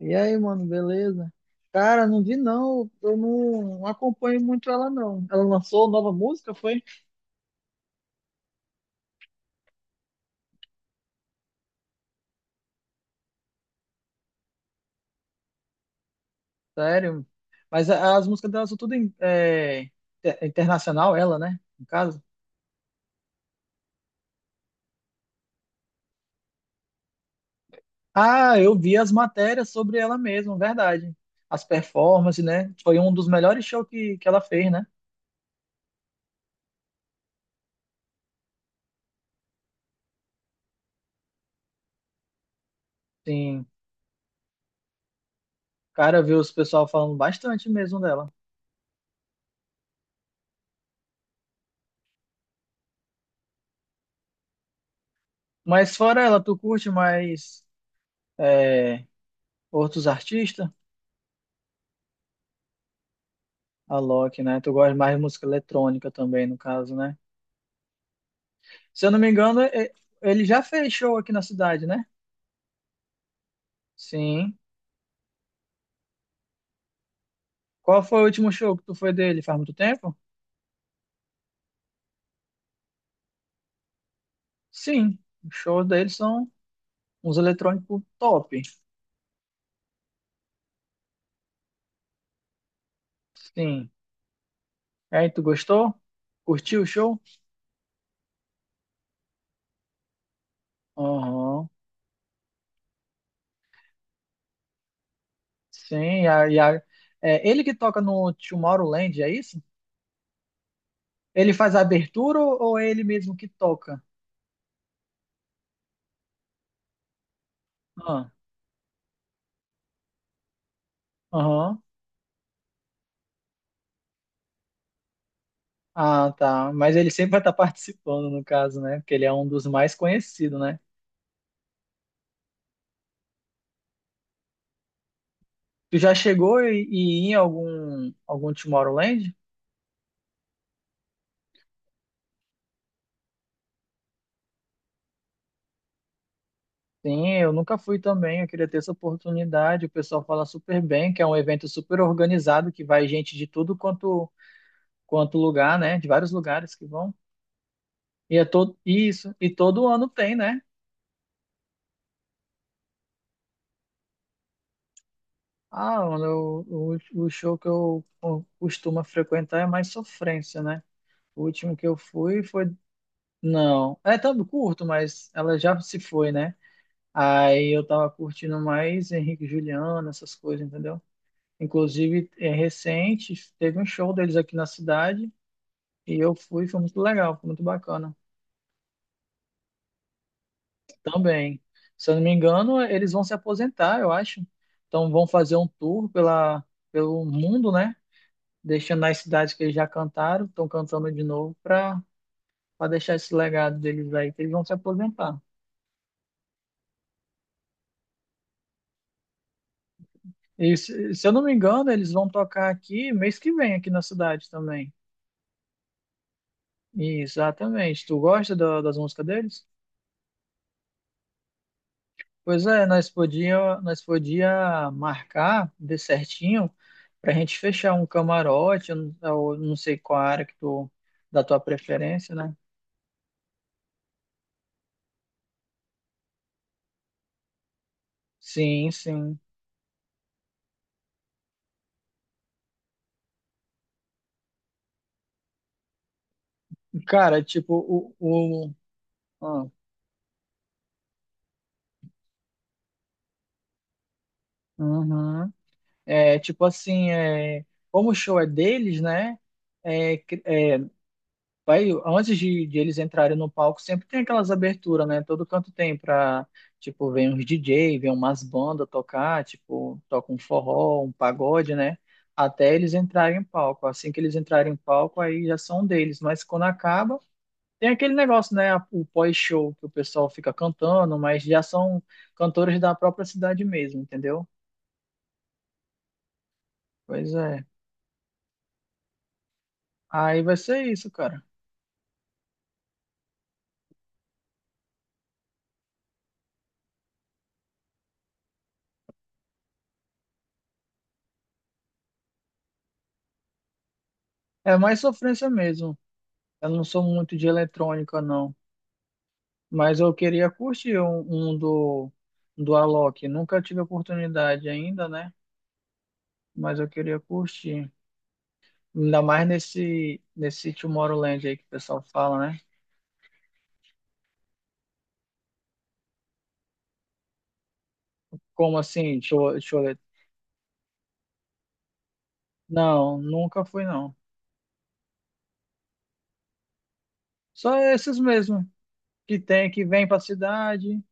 E aí, mano, beleza? Cara, não vi não, eu não acompanho muito ela não. Ela lançou nova música, foi? Sério? Mas as músicas dela são tudo internacional, ela, né? No caso. Ah, eu vi as matérias sobre ela mesma, verdade. As performances, né? Foi um dos melhores shows que ela fez, né? Sim, cara, eu vi os pessoal falando bastante mesmo dela. Mas fora ela, tu curte mais é, outros artistas? A Loki, né? Tu gosta mais de música eletrônica também, no caso, né? Se eu não me engano, ele já fez show aqui na cidade, né? Sim. Qual foi o último show que tu foi dele? Faz muito tempo? Sim. Os shows dele são uns eletrônicos top. Sim. E aí, tu gostou? Curtiu o show? Aham. Sim. É ele que toca no Tomorrowland, é isso? Ele faz a abertura ou é ele mesmo que toca? Ah. Aham. Ah, tá. Mas ele sempre vai estar participando, no caso, né? Porque ele é um dos mais conhecidos, né? Tu já chegou e ir em algum Tomorrowland? Sim, eu nunca fui também. Eu queria ter essa oportunidade. O pessoal fala super bem, que é um evento super organizado, que vai gente de tudo quanto lugar, né? De vários lugares que vão. E é todo isso. E todo ano tem, né? Ah, mano, o show que eu costumo frequentar é mais sofrência, né? O último que eu fui foi. Não, é tão curto, mas ela já se foi, né? Aí eu tava curtindo mais Henrique e Juliano, essas coisas, entendeu? Inclusive, é recente, teve um show deles aqui na cidade e eu fui, foi muito legal, foi muito bacana também. Se eu não me engano, eles vão se aposentar, eu acho. Então vão fazer um tour pela, pelo mundo, né? Deixando as cidades que eles já cantaram, estão cantando de novo para deixar esse legado deles aí, que eles vão se aposentar. E se eu não me engano, eles vão tocar aqui mês que vem, aqui na cidade também. Exatamente. Tu gosta das músicas deles? Pois é, nós podia marcar de certinho pra gente fechar um camarote, eu não sei qual área que tu, da tua preferência, né? Sim, sim. Cara, tipo, ah, uhum. É, tipo assim, como o show é deles, né? Vai, antes de eles entrarem no palco, sempre tem aquelas aberturas, né? Todo canto tem pra, tipo, vem uns DJ, vem umas bandas tocar, tipo, toca um forró, um pagode, né? Até eles entrarem em palco. Assim que eles entrarem em palco, aí já são deles. Mas quando acaba, tem aquele negócio, né? O pós-show, que o pessoal fica cantando, mas já são cantores da própria cidade mesmo, entendeu? Pois é. Aí vai ser isso, cara. É mais sofrência mesmo. Eu não sou muito de eletrônica, não. Mas eu queria curtir um do Alok. Nunca tive oportunidade ainda, né? Mas eu queria curtir. Ainda mais nesse Tomorrowland aí que o pessoal fala, né? Como assim? Não, nunca fui, não. Só esses mesmo que tem, que vem pra cidade.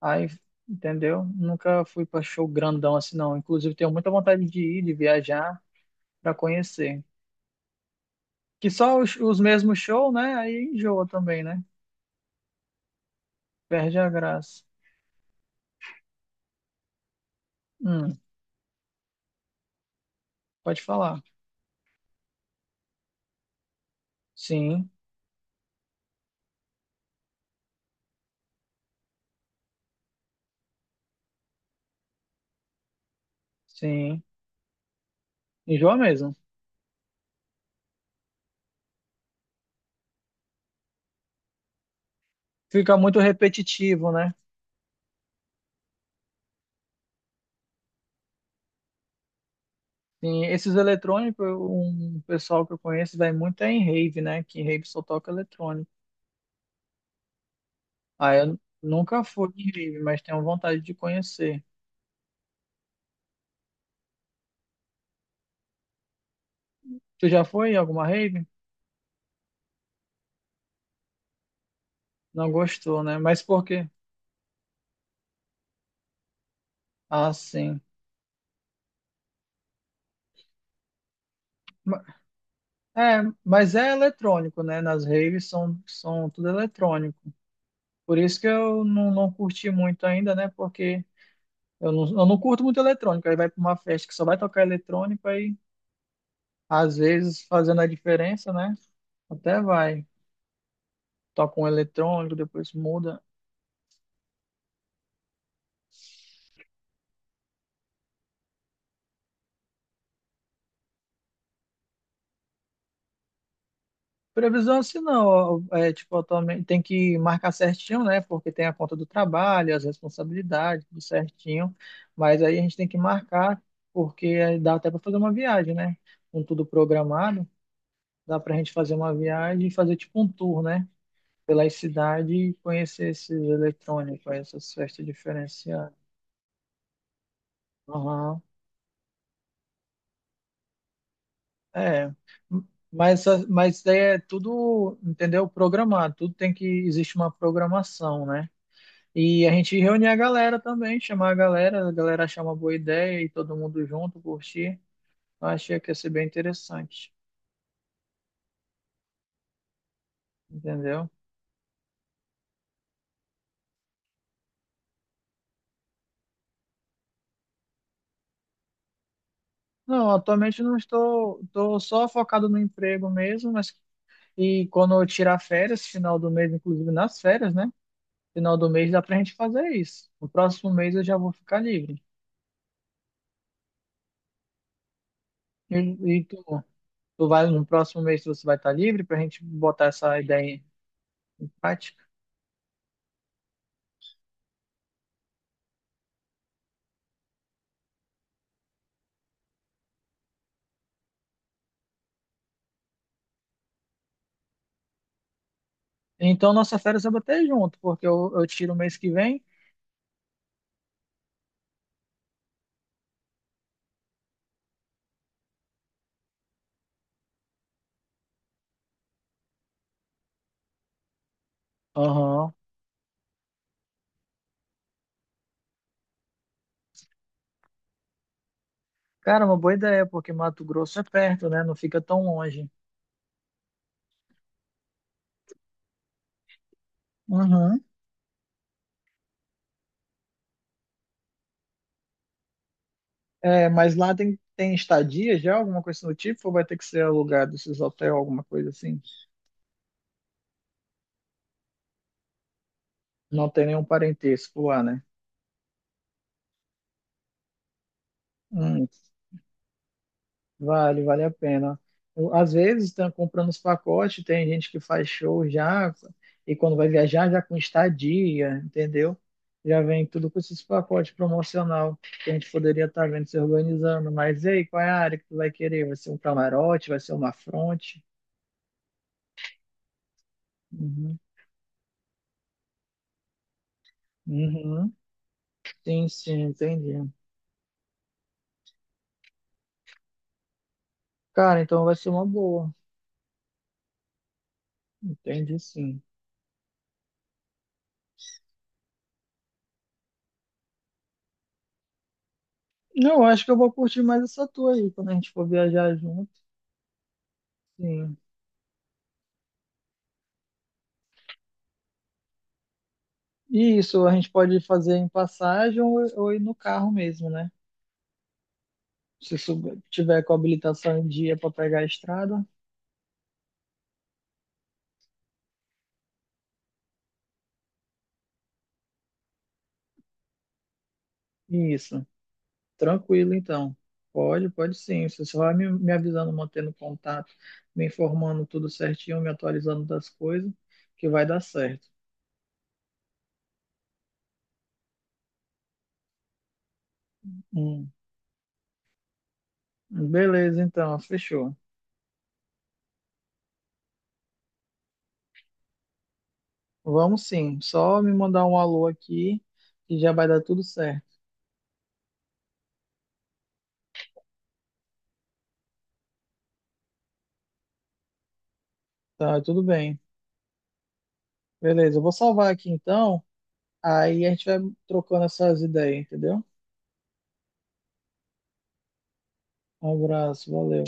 Aí, entendeu? Nunca fui pra show grandão assim, não. Inclusive, tenho muita vontade de ir, de viajar pra conhecer. Que só os mesmos shows, né? Aí enjoa também, né? Perde a graça. Hum. Pode falar. Sim, sim. Enjoa mesmo. Fica muito repetitivo, né? Sim, esses eletrônicos, um pessoal que eu conheço vai muito é em rave, né? Que em rave só toca eletrônico. Ah, eu nunca fui em rave, mas tenho vontade de conhecer. Tu já foi em alguma rave? Não gostou, né? Mas por quê? Ah, sim. Ma- É, mas é eletrônico, né? Nas raves são tudo eletrônico. Por isso que eu não curti muito ainda, né? Porque eu não curto muito eletrônico. Aí vai pra uma festa que só vai tocar eletrônico, aí às vezes fazendo a diferença, né? Até vai. Toca um eletrônico, depois muda. Previsão assim não. Ó, tipo, eu também tem que marcar certinho, né? Porque tem a conta do trabalho, as responsabilidades, tudo certinho. Mas aí a gente tem que marcar, porque aí dá até para fazer uma viagem, né? Com tudo programado, dá pra gente fazer uma viagem e fazer tipo um tour, né? Pelas cidades e conhecer esses eletrônicos, essas festas diferenciadas. Aham. É. Mas é tudo, entendeu? Programado, tudo tem que existe uma programação, né? E a gente reunir a galera também, chamar a galera achar uma boa ideia e todo mundo junto curtir. Eu achei que ia ser bem interessante, entendeu? Não, atualmente não estou, só focado no emprego mesmo, mas e quando eu tirar férias, final do mês, inclusive nas férias, né? Final do mês dá pra gente fazer isso. No próximo mês eu já vou ficar livre. E, e tu vai no próximo mês você vai estar livre pra gente botar essa ideia em prática. Então nossa férias vai bater junto, porque eu tiro o mês que vem. Aham. Cara, uma boa ideia, porque Mato Grosso é perto, né? Não fica tão longe. Uhum. É, mas lá tem estadia já, alguma coisa do tipo, ou vai ter que ser alugado esses hotéis, alguma coisa assim? Não tem nenhum parentesco lá, né? Hum. Vale, vale a pena. Às vezes, estão comprando os pacotes, tem gente que faz show já, e quando vai viajar, já com estadia, entendeu? Já vem tudo com esses pacotes promocional que a gente poderia estar vendo se organizando. Mas e aí, qual é a área que tu vai querer? Vai ser um camarote? Vai ser uma fronte? Uhum. Uhum. Sim, sim, entendi. Cara, então vai ser uma boa. Entendi, sim. Não, eu acho que eu vou curtir mais essa tua aí, quando a gente for viajar junto. Sim. E isso a gente pode fazer em passagem ou ir no carro mesmo, né? Se tiver com a habilitação em dia para pegar a estrada, isso. Tranquilo, então. Pode, pode sim. Você só vai me avisando, mantendo contato, me informando tudo certinho, me atualizando das coisas, que vai dar certo. Hum. Beleza, então, fechou. Vamos sim. Só me mandar um alô aqui, que já vai dar tudo certo. Tá, tudo bem. Beleza, eu vou salvar aqui então. Aí a gente vai trocando essas ideias, entendeu? Um abraço, valeu.